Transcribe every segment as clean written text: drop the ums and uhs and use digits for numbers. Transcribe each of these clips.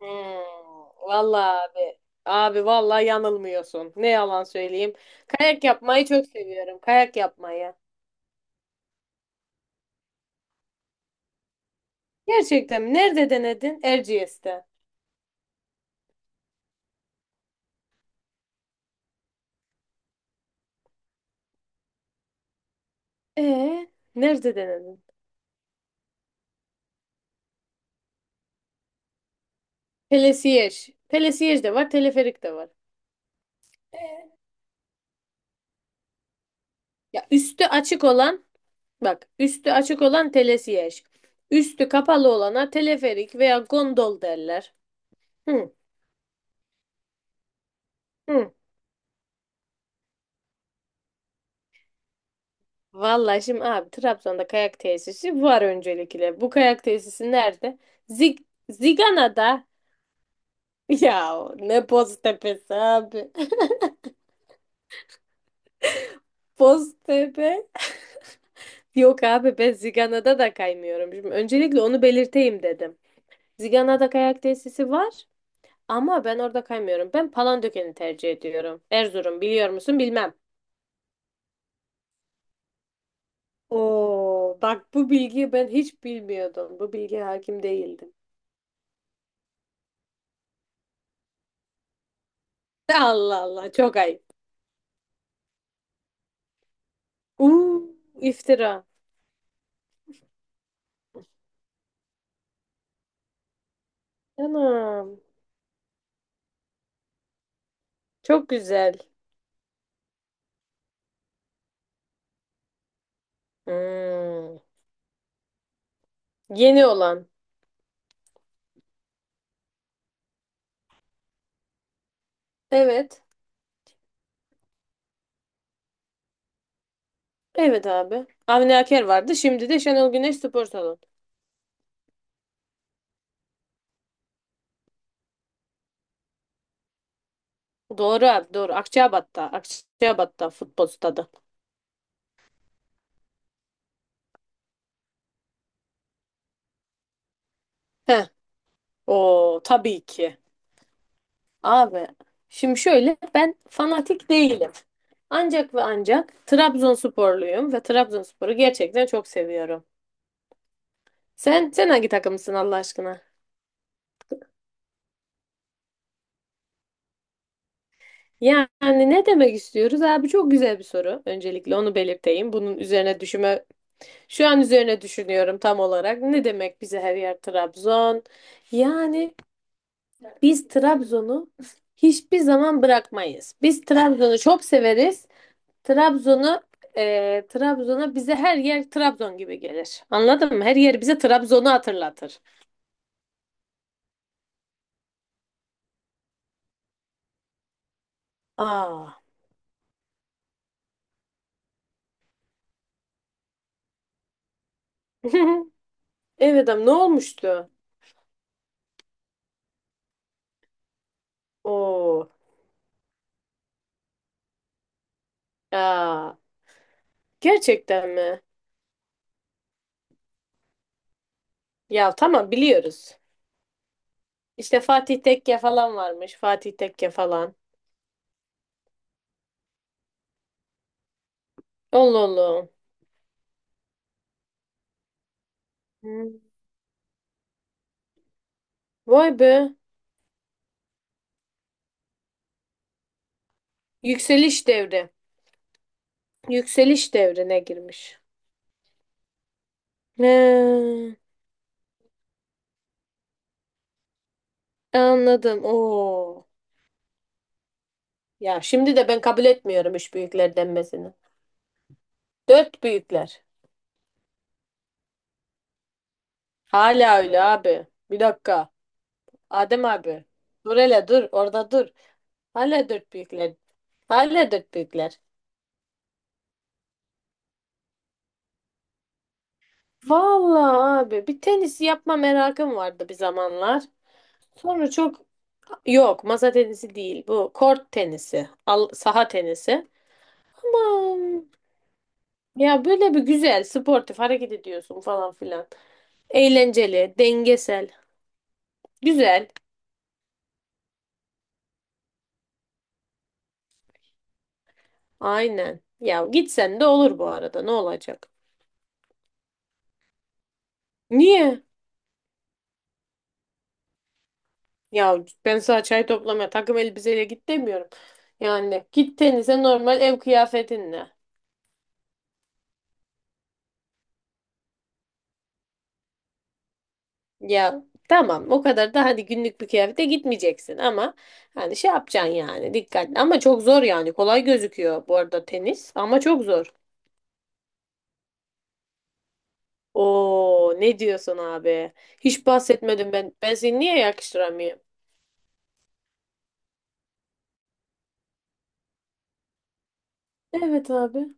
Hmm, vallahi abi. Abi vallahi yanılmıyorsun. Ne yalan söyleyeyim. Kayak yapmayı çok seviyorum. Kayak yapmayı. Gerçekten mi? Nerede denedin? Erciyes'te. Ee, Nerede denedin? Pelesiyej. Pelesiyej de var, teleferik de var. Ee? Ya üstü açık olan, bak üstü açık olan telesiyej. Üstü kapalı olana teleferik veya gondol derler. Hı, hı. Vallahi şimdi abi Trabzon'da kayak tesisi var öncelikle. Bu kayak tesisi nerede? Zig Zigana'da. Ya ne Boztepe'si abi. Boztepe. Yok abi ben Zigana'da da kaymıyorum. Şimdi öncelikle onu belirteyim dedim. Zigana'da kayak tesisi var ama ben orada kaymıyorum. Ben Palandöken'i tercih ediyorum. Erzurum biliyor musun bilmem. Oo bak bu bilgiyi ben hiç bilmiyordum. Bu bilgiye hakim değildim. Allah Allah çok ayıp. Uuu iftira. Anam. Çok güzel. Hmm. Yeni olan. Evet. Evet abi. Avni Aker vardı. Şimdi de Şenol Güneş Spor Salonu. Doğru abi doğru. Akçabat'ta. Akçabat'ta futbol stadı. Heh. O tabii ki. Abi. Şimdi şöyle ben fanatik değilim. Ancak ve ancak Trabzonsporluyum ve Trabzonspor'u gerçekten çok seviyorum. Sen hangi takımsın Allah aşkına? Yani ne demek istiyoruz abi? Çok güzel bir soru. Öncelikle onu belirteyim. Bunun üzerine düşünme, şu an üzerine düşünüyorum tam olarak. Ne demek bize her yer Trabzon? Yani biz Trabzon'u hiçbir zaman bırakmayız. Biz Trabzon'u çok severiz. Trabzon'u Trabzon'a bize her yer Trabzon gibi gelir. Anladın mı? Her yer bize Trabzon'u hatırlatır. Aa. Evet, ne olmuştu? Oo. Aa. Gerçekten mi? Ya tamam biliyoruz. İşte Fatih Tekke falan varmış. Fatih Tekke falan. Allah Allah. Hmm. Vay be. Yükseliş devri. Yükseliş devrine girmiş. He, anladım. Oo. Ya şimdi de ben kabul etmiyorum üç büyükler denmesini. Dört büyükler. Hala öyle abi. Bir dakika. Adem abi. Dur hele dur. Orada dur. Hala dört büyükler. Hala dört büyükler. Vallahi abi bir tenis yapma merakım vardı bir zamanlar. Sonra çok yok masa tenisi değil bu kort tenisi al, saha tenisi aman ya böyle bir güzel sportif hareket ediyorsun falan filan eğlenceli dengesel güzel aynen ya gitsen de olur bu arada ne olacak niye ya ben sana çay toplamaya takım elbiseyle git demiyorum yani git tenise normal ev kıyafetinle. Ya tamam o kadar da hadi günlük bir kıyafete gitmeyeceksin ama hani şey yapacaksın yani dikkatli ama çok zor yani kolay gözüküyor bu arada tenis ama çok zor. Oo ne diyorsun abi? Hiç bahsetmedim ben. Ben seni niye yakıştıramıyorum? Evet abi.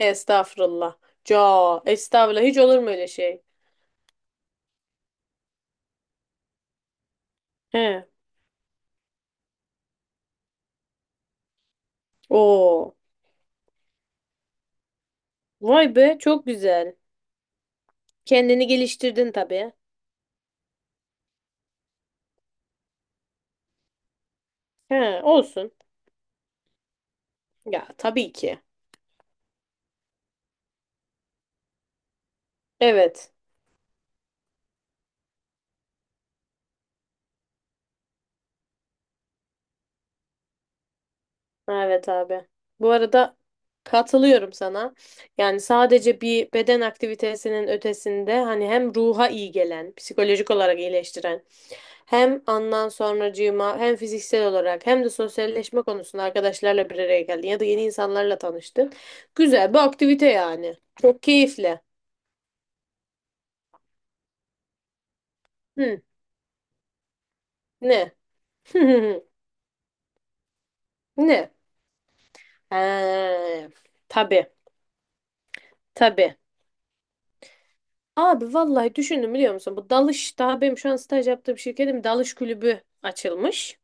Estağfurullah. Ca, Estağfurullah hiç olur mu öyle şey? He. Oo. Vay be çok güzel. Kendini geliştirdin tabii. He, olsun. Ya tabii ki. Evet. Evet abi. Bu arada katılıyorum sana. Yani sadece bir beden aktivitesinin ötesinde hani hem ruha iyi gelen, psikolojik olarak iyileştiren, hem andan sonracığıma hem fiziksel olarak hem de sosyalleşme konusunda arkadaşlarla bir araya geldin ya da yeni insanlarla tanıştın. Güzel bir aktivite yani. Çok keyifli. Hı, ne? Ne? He, tabii. Tabii. Abi vallahi düşündüm biliyor musun? Bu dalış daha benim şu an staj yaptığım şirketim dalış kulübü açılmış.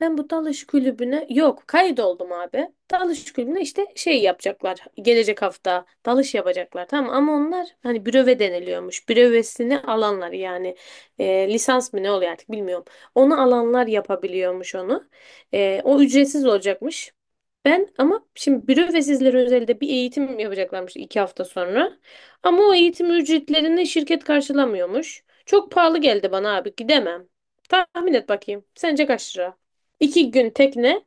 Ben bu dalış kulübüne yok kaydoldum abi. Dalış kulübüne işte şey yapacaklar. Gelecek hafta dalış yapacaklar tamam ama onlar hani büröve deniliyormuş. Bürövesini alanlar yani, lisans mı ne oluyor artık bilmiyorum. Onu alanlar yapabiliyormuş onu. E, o ücretsiz olacakmış. Ben ama şimdi büro ve sizlere özelde bir eğitim yapacaklarmış 2 hafta sonra. Ama o eğitim ücretlerini şirket karşılamıyormuş. Çok pahalı geldi bana abi gidemem. Tahmin et bakayım. Sence kaç lira? 2 gün tekne,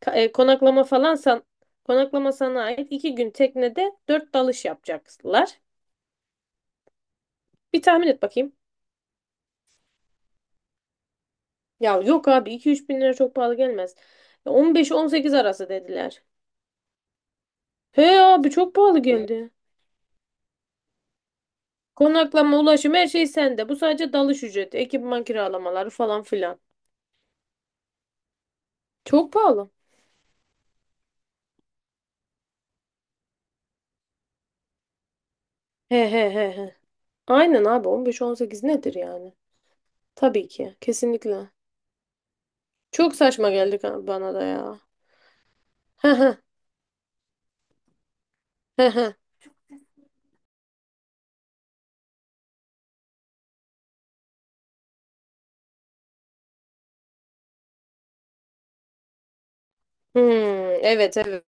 konaklama falan, konaklama sana ait. 2 gün teknede dört dalış yapacaklar. Bir tahmin et bakayım. Ya yok abi iki üç bin lira çok pahalı gelmez. 15-18 arası dediler. He abi çok pahalı geldi. Konaklama, ulaşım her şey sende. Bu sadece dalış ücreti, ekipman kiralamaları falan filan. Çok pahalı. He he he he. Aynen abi 15-18 nedir yani? Tabii ki. Kesinlikle. Çok saçma geldi bana da ya. He he he he. Hmm, evet evet.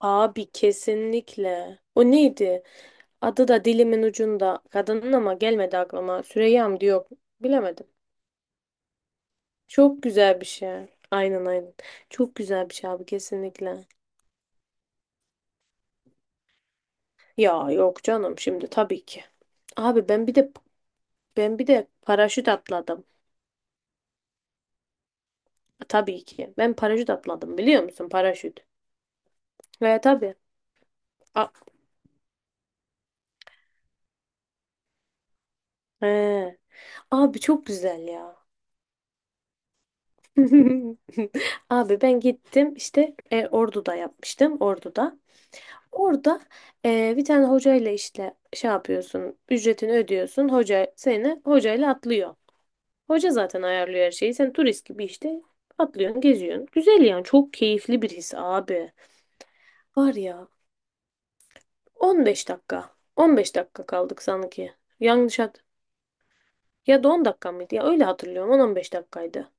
Abi kesinlikle. O neydi? Adı da dilimin ucunda. Kadının ama gelmedi aklıma. Süreyya mı diyor. Bilemedim. Çok güzel bir şey. Aynen aynen. Çok güzel bir şey abi kesinlikle. Ya yok canım şimdi tabii ki. Abi ben bir de paraşüt atladım. Tabii ki. Ben paraşüt atladım biliyor musun? Paraşüt. Ve tabii. A- He. Abi çok güzel ya. Abi ben gittim işte, Ordu'da yapmıştım Ordu'da. Orada bir tane hocayla işte şey yapıyorsun ücretini ödüyorsun hoca seni hocayla atlıyor. Hoca zaten ayarlıyor her şeyi sen turist gibi işte atlıyorsun geziyorsun. Güzel yani çok keyifli bir his abi. Var ya 15 dakika. 15 dakika kaldık sanki. Yanlış hat. Ya da 10 dakika mıydı? Ya öyle hatırlıyorum. 10-15 dakikaydı.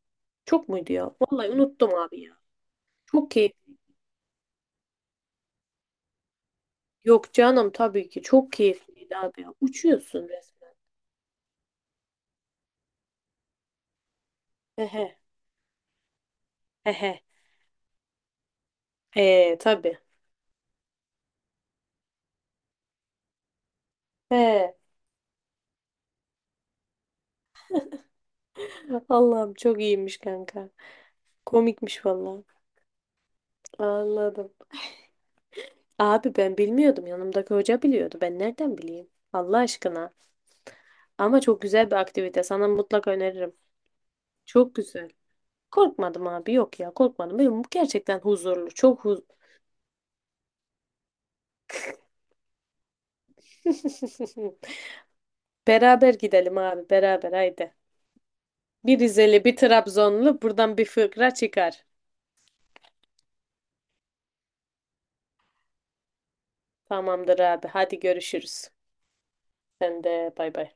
Çok muydu ya? Vallahi unuttum abi ya. Çok keyif. Yok canım tabii ki. Çok keyifliydi abi ya. Uçuyorsun resmen. Ehe. Ehe. Tabii. He. Allah'ım çok iyiymiş kanka. Komikmiş vallahi. Anladım. Abi ben bilmiyordum. Yanımdaki hoca biliyordu. Ben nereden bileyim? Allah aşkına. Ama çok güzel bir aktivite. Sana mutlaka öneririm. Çok güzel. Korkmadım abi yok ya korkmadım. Benim bu gerçekten huzurlu. Çok huz Beraber gidelim abi beraber haydi. Bir Rizeli bir Trabzonlu buradan bir fıkra çıkar. Tamamdır abi hadi görüşürüz. Sen de bay bay.